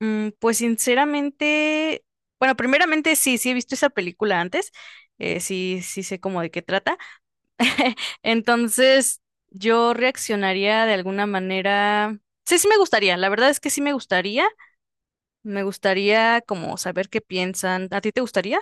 Pues sinceramente, bueno, primeramente sí, sí he visto esa película antes, sí, sí sé como de qué trata. Entonces, yo reaccionaría de alguna manera. Sí, sí me gustaría, la verdad es que sí me gustaría. Me gustaría como saber qué piensan. ¿A ti te gustaría?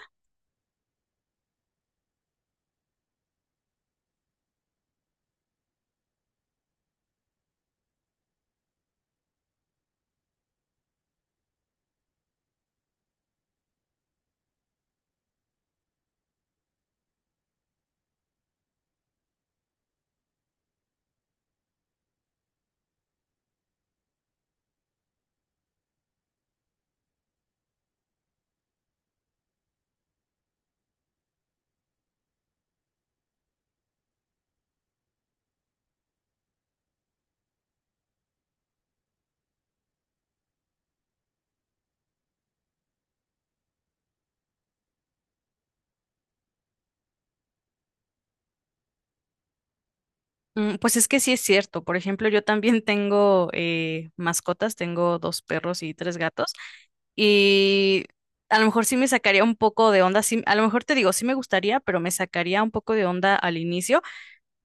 Pues es que sí es cierto. Por ejemplo, yo también tengo mascotas, tengo dos perros y tres gatos. Y a lo mejor sí me sacaría un poco de onda, sí, a lo mejor te digo, sí me gustaría, pero me sacaría un poco de onda al inicio,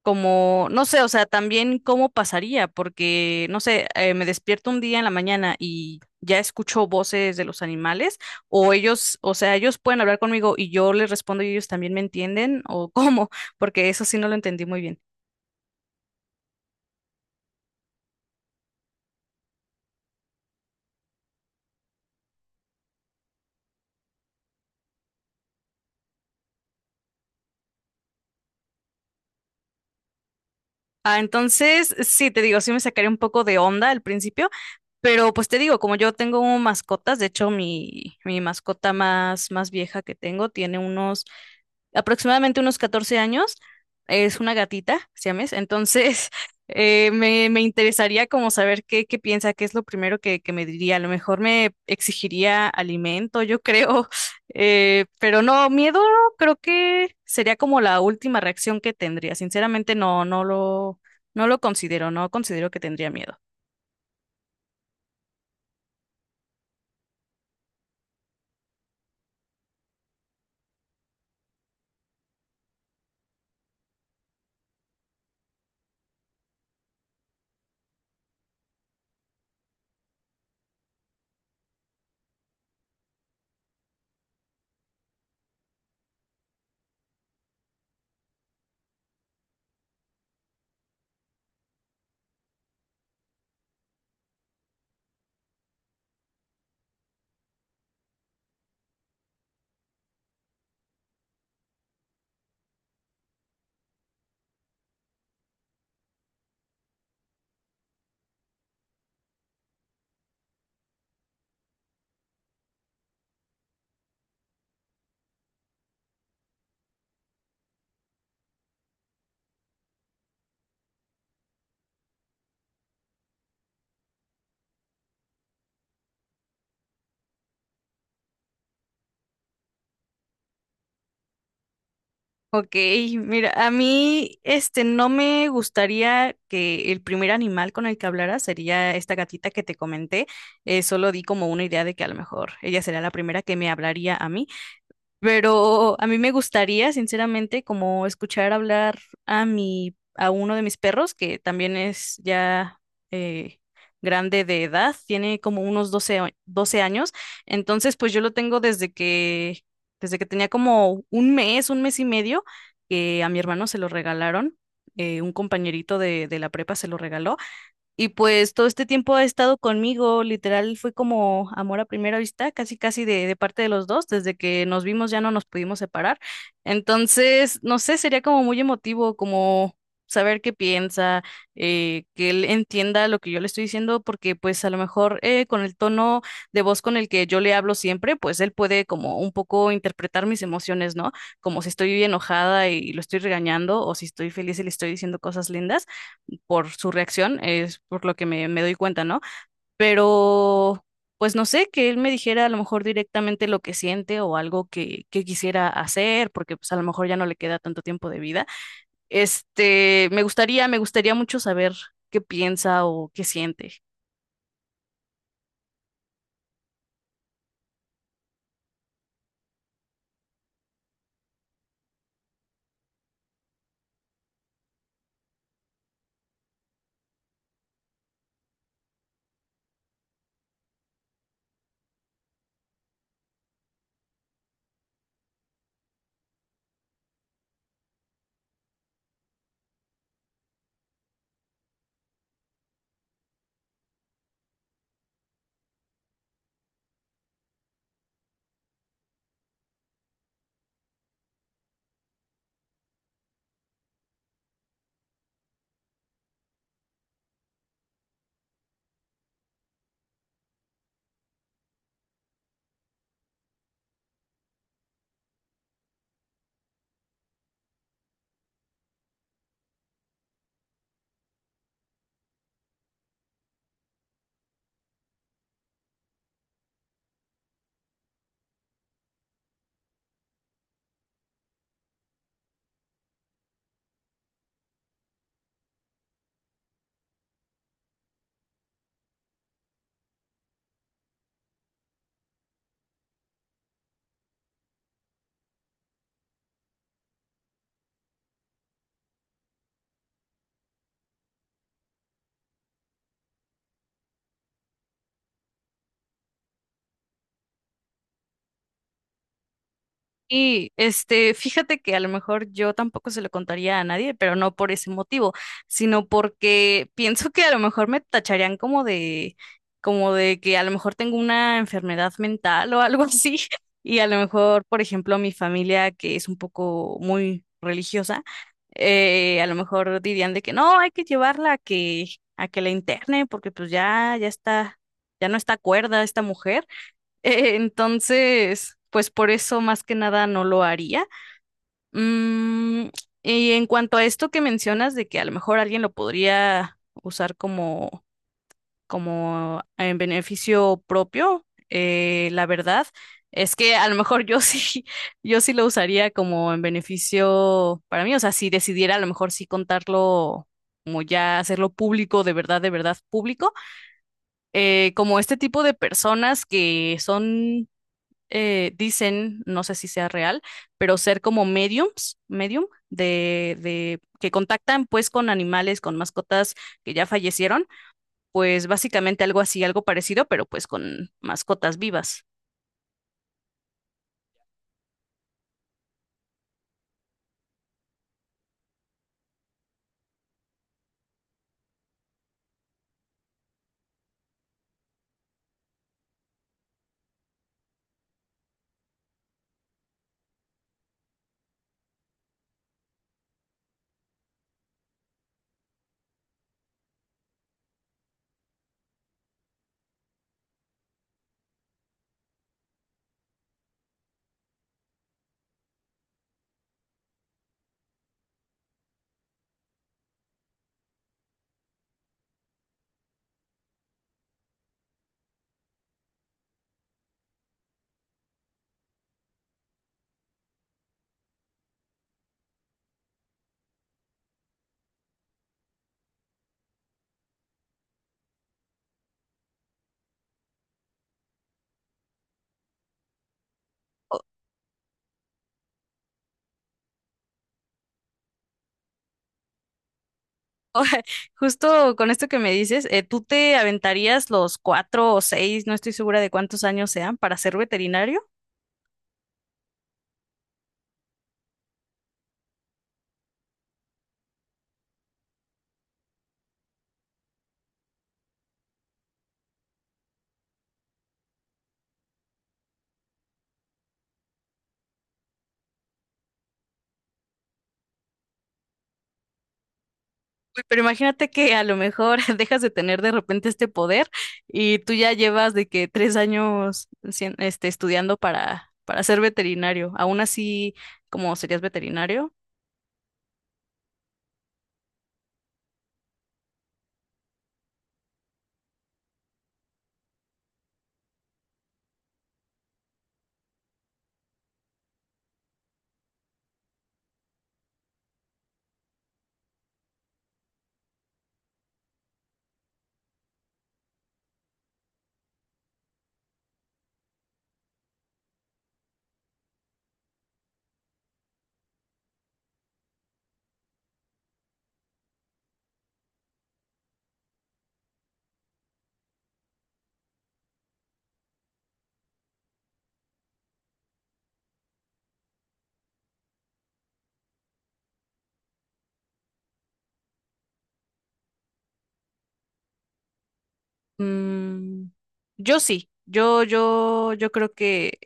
como, no sé, o sea, también cómo pasaría, porque, no sé, me despierto un día en la mañana y ya escucho voces de los animales, o ellos, o sea, ellos pueden hablar conmigo y yo les respondo y ellos también me entienden, o cómo, porque eso sí no lo entendí muy bien. Ah, entonces, sí, te digo, sí me sacaría un poco de onda al principio. Pero pues te digo, como yo tengo mascotas, de hecho mi mascota más vieja que tengo tiene unos aproximadamente unos 14 años, es una gatita, siames, entonces me interesaría como saber qué piensa, qué es lo primero que me diría, a lo mejor me exigiría alimento, yo creo, pero no, miedo creo que sería como la última reacción que tendría, sinceramente no, no lo considero, no considero que tendría miedo. Ok, mira, a mí no me gustaría que el primer animal con el que hablara sería esta gatita que te comenté. Solo di como una idea de que a lo mejor ella sería la primera que me hablaría a mí, pero a mí me gustaría, sinceramente, como escuchar hablar a uno de mis perros, que también es ya eh, grande de edad, tiene como unos 12 años. Entonces, pues yo lo tengo desde que tenía como un mes y medio, que a mi hermano se lo regalaron. Un compañerito de la prepa se lo regaló y pues todo este tiempo ha estado conmigo, literal fue como amor a primera vista, casi casi de parte de los dos, desde que nos vimos ya no nos pudimos separar. Entonces, no sé, sería como muy emotivo, como saber qué piensa, que él entienda lo que yo le estoy diciendo, porque pues a lo mejor con el tono de voz con el que yo le hablo siempre, pues él puede como un poco interpretar mis emociones, ¿no? Como si estoy enojada y lo estoy regañando, o si estoy feliz y le estoy diciendo cosas lindas por su reacción, es por lo que me doy cuenta, ¿no? Pero, pues no sé, que él me dijera a lo mejor directamente lo que siente o algo que quisiera hacer, porque pues a lo mejor ya no le queda tanto tiempo de vida. Me gustaría mucho saber qué piensa o qué siente. Y fíjate que a lo mejor yo tampoco se lo contaría a nadie, pero no por ese motivo, sino porque pienso que a lo mejor me tacharían como de que a lo mejor tengo una enfermedad mental o algo así. Y a lo mejor, por ejemplo, mi familia, que es un poco muy religiosa, a lo mejor dirían de que no, hay que llevarla a que la interne, porque pues ya no está cuerda esta mujer. Entonces, pues por eso más que nada no lo haría. Mm, y en cuanto a esto que mencionas de que a lo mejor alguien lo podría usar como en beneficio propio, la verdad es que a lo mejor yo sí, yo sí lo usaría como en beneficio para mí. O sea, si decidiera a lo mejor sí contarlo, como ya hacerlo público, de verdad público como este tipo de personas que son dicen, no sé si sea real, pero ser como mediums, medium, de que contactan pues con animales, con mascotas que ya fallecieron, pues básicamente algo así, algo parecido, pero pues con mascotas vivas. O- o- Justo con esto que me dices, ¿tú te aventarías los cuatro o seis, no estoy segura de cuántos años sean, para ser veterinario? Uy, pero imagínate que a lo mejor dejas de tener de repente este poder y tú ya llevas de que 3 años estudiando para ser veterinario. Aún así, ¿cómo serías veterinario? Mm, yo sí, yo creo que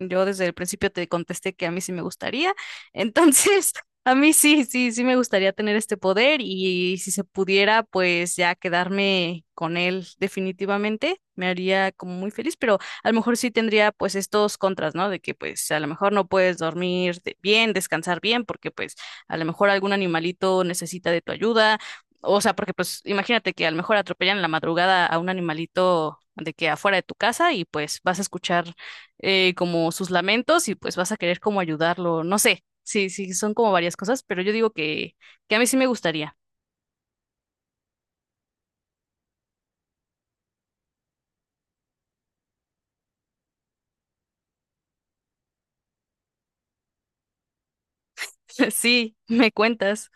yo desde el principio te contesté que a mí sí me gustaría. Entonces, a mí sí, sí, sí me gustaría tener este poder y si se pudiera, pues ya quedarme con él definitivamente, me haría como muy feliz, pero a lo mejor sí tendría pues estos contras, ¿no? De que pues a lo mejor no puedes dormir bien, descansar bien, porque pues a lo mejor algún animalito necesita de tu ayuda. O sea, porque pues imagínate que a lo mejor atropellan en la madrugada a un animalito de que afuera de tu casa y pues vas a escuchar como sus lamentos y pues vas a querer como ayudarlo, no sé, sí, sí, son como varias cosas, pero yo digo que a mí sí me gustaría. Sí, me cuentas.